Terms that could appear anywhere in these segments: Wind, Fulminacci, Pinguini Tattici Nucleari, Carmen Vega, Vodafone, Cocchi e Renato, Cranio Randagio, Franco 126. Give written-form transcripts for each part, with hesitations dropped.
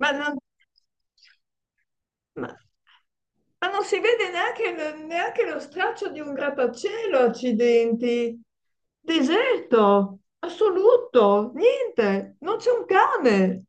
Ma non, ma- ma non si vede neanche, neanche lo straccio di un grattacielo, accidenti. Deserto, assoluto, niente, non c'è un cane.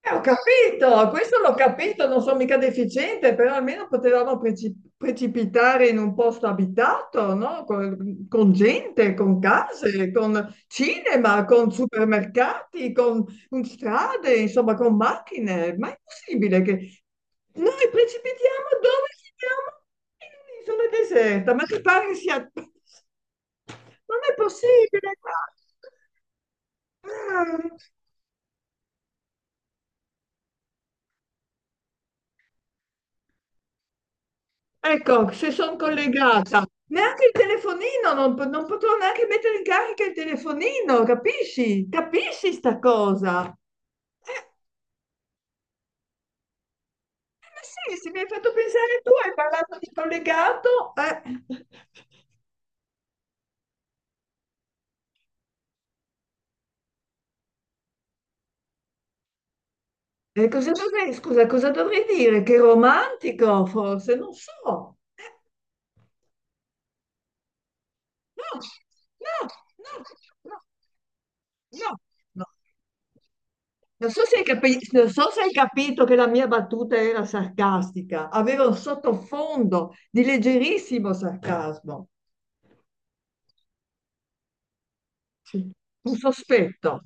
Ho capito, questo l'ho capito, non sono mica deficiente, però almeno potevamo precipitare in un posto abitato, no? Con gente, con case, con cinema, con supermercati, con strade, insomma, con macchine. Ma è possibile che noi precipitiamo dove siamo? In un'isola deserta, ma ti pare che sia? Non è possibile. Ah. Ecco, se sono collegata. Neanche il telefonino, non potrò neanche mettere in carica il telefonino, capisci? Capisci sta cosa? Ma sì, se mi hai fatto pensare tu, hai parlato di collegato. E cosa dovrei, scusa, cosa dovrei dire? Che romantico, forse? Non so. No, no, no, no, no, no. Non so se hai capito che la mia battuta era sarcastica, aveva un sottofondo di leggerissimo sarcasmo. Sì. Un sospetto.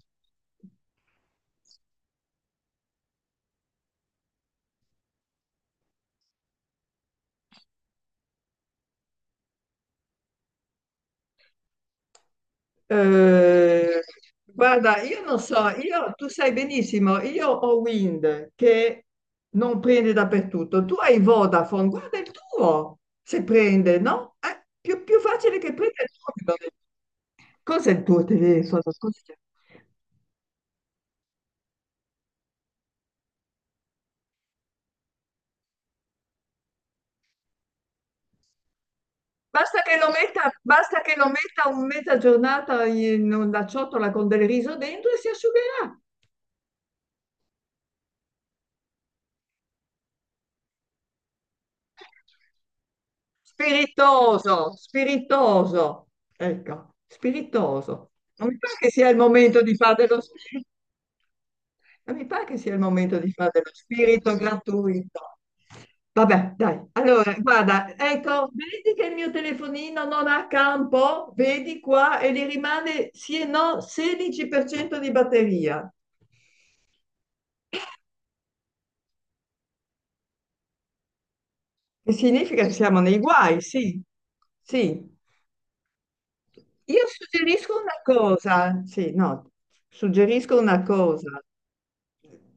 Eh, guarda, io non so, tu sai benissimo, io ho Wind che non prende dappertutto, tu hai Vodafone, guarda il tuo, se prende, no? È più, più facile che prenda il tuo. Cos'è il tuo telefono? Scusa. Basta che lo metta, basta che lo metta un mezza giornata in una ciotola con del riso dentro e si asciugherà. Spiritoso, spiritoso. Ecco, spiritoso. Non mi pare che sia il momento di fare dello spirito. Non mi pare che sia il momento di fare dello spirito gratuito. Vabbè, dai. Allora, guarda, ecco, vedi che il mio telefonino non ha campo? Vedi qua e gli rimane sì e no 16% di batteria. Che significa che siamo nei guai, sì, sì. Io suggerisco una cosa, sì, no, suggerisco una cosa.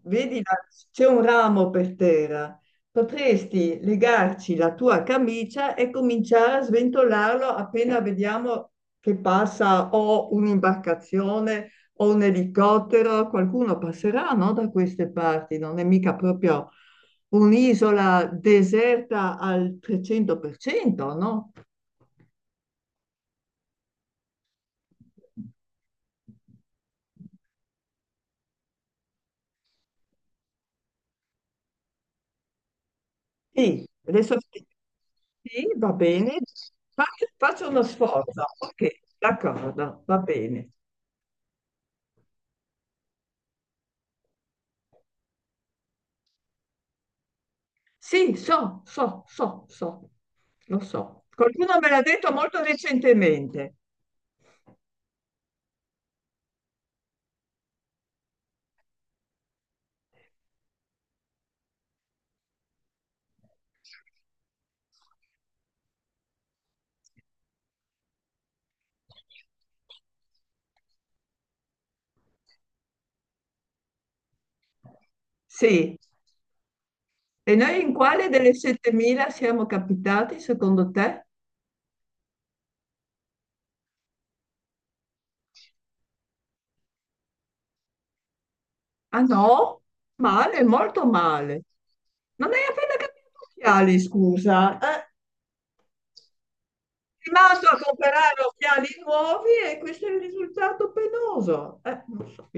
Vedi, là, c'è un ramo per terra. Potresti legarci la tua camicia e cominciare a sventolarlo appena vediamo che passa o un'imbarcazione o un elicottero. Qualcuno passerà, no, da queste parti. Non è mica proprio un'isola deserta al 300%, no? Sì, adesso sì, sì, va bene. Fa- Faccio uno sforzo. Ok, d'accordo, va bene. Sì, so, so, so, so, lo so. Qualcuno me l'ha detto molto recentemente. Sì. E noi in quale delle 7.000 siamo capitati, secondo te? Ah no? Male, molto male. Non hai appena cambiato gli occhiali, scusa. Eh, Rimasto a comprare occhiali nuovi e questo è il risultato penoso. Non so.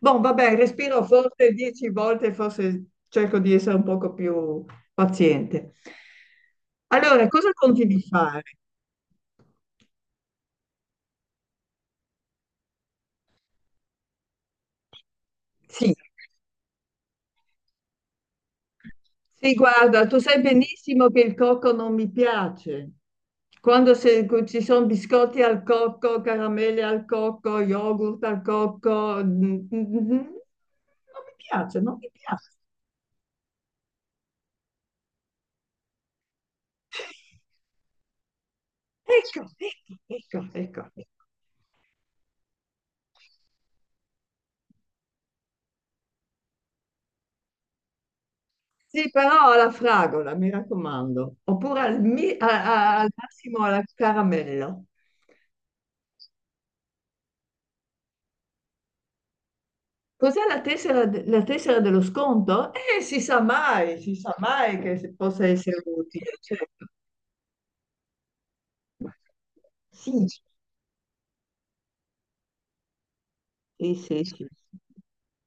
Bon, vabbè, respiro forse 10 volte, forse cerco di essere un poco più paziente. Allora, cosa continui a fare? Sì, sì, guarda, tu sai benissimo che il cocco non mi piace. Quando ci sono biscotti al cocco, caramelle al cocco, yogurt al cocco, non mi piace, non mi piace. Ecco, ecco, ecco, ecco. Ecco. Sì, però alla fragola, mi raccomando, oppure al, mi- a- a- al massimo alla caramello. Cos'è la tessera, la tessera dello sconto? Si sa mai, si sa mai che possa essere utile, certo. Sì, sì, sì, sì.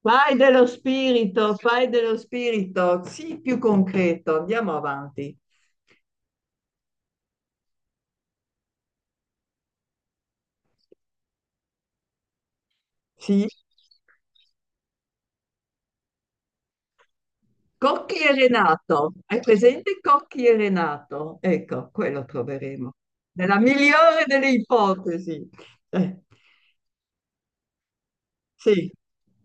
Fai dello spirito, sì, più concreto, andiamo avanti. Sì. Cocchi e Renato, hai presente Cocchi e Renato? Ecco, quello troveremo. Nella migliore delle ipotesi. Eh, sì,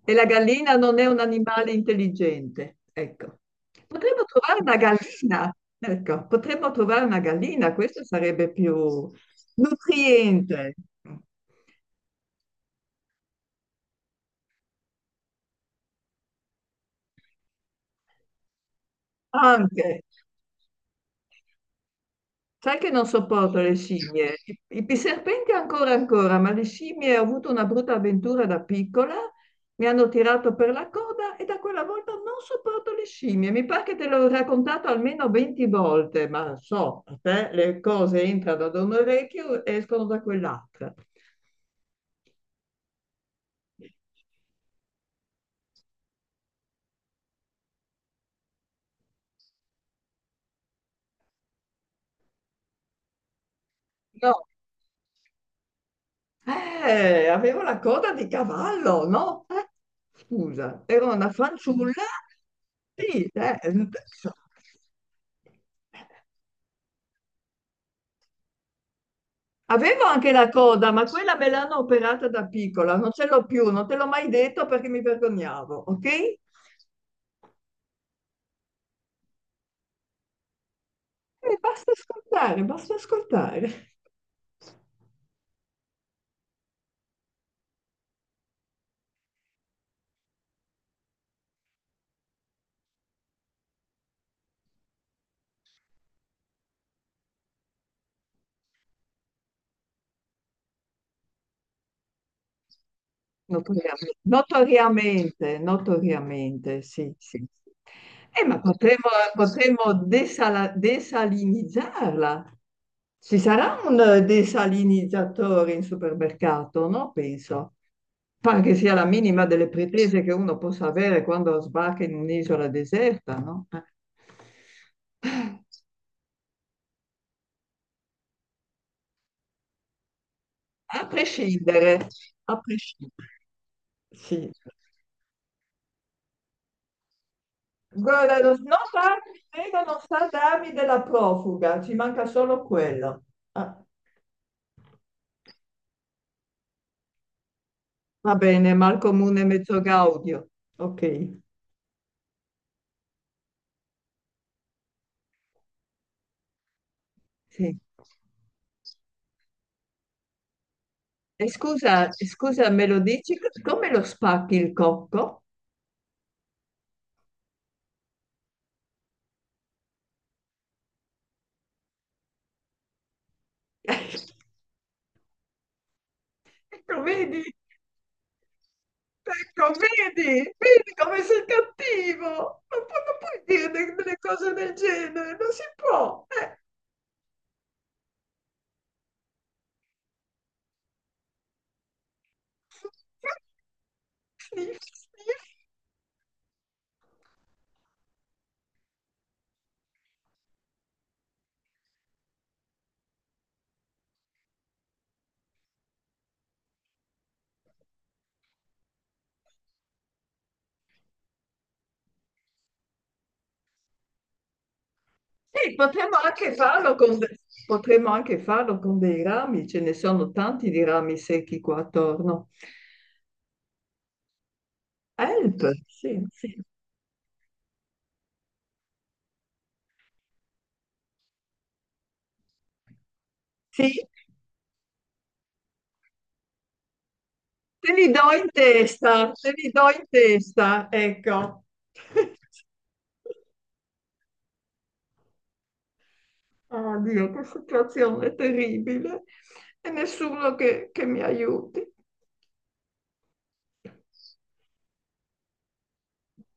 e la gallina non è un animale intelligente. Ecco, potremmo trovare una gallina. Ecco, potremmo trovare una gallina, questo sarebbe più nutriente anche. Sai che non sopporto le scimmie. I serpenti ancora ancora, ma le scimmie ho avuto una brutta avventura da piccola, mi hanno tirato per la coda e da quella volta non sopporto le scimmie. Mi pare che te l'ho raccontato almeno 20 volte, ma so, a te le cose entrano da un orecchio e escono da quell'altra. No, avevo la coda di cavallo, no? Scusa, ero una fanciulla. Sì, so. Avevo anche la coda, ma quella me l'hanno operata da piccola, non ce l'ho più, non te l'ho mai detto perché mi vergognavo, ok? E basta ascoltare, basta ascoltare. Notoriamente, notoriamente, notoriamente, sì, sì. Sì. Ma potremmo, desalinizzarla. Ci sarà un desalinizzatore in supermercato, no? Penso. Pare che sia la minima delle pretese che uno possa avere quando sbarca in un'isola deserta, no? A prescindere, a prescindere. Sì. Guarda, non no, Carmen Vega non sa darmi della profuga, ci manca solo quello. Ah, va bene, mal comune mezzo gaudio. Ok, sì. E scusa, scusa, me lo dici? Come lo spacchi il cocco? Ecco, vedi? Ecco, vedi? Vedi come sei cattivo? Non puoi dire delle cose del genere, non si può. Sì, potremmo anche farlo con dei rami, ce ne sono tanti di rami secchi qua attorno. Help, sì, sì, sì, te li do in testa, te li do in testa, ecco. Oh Dio, che situazione terribile. E nessuno che mi aiuti.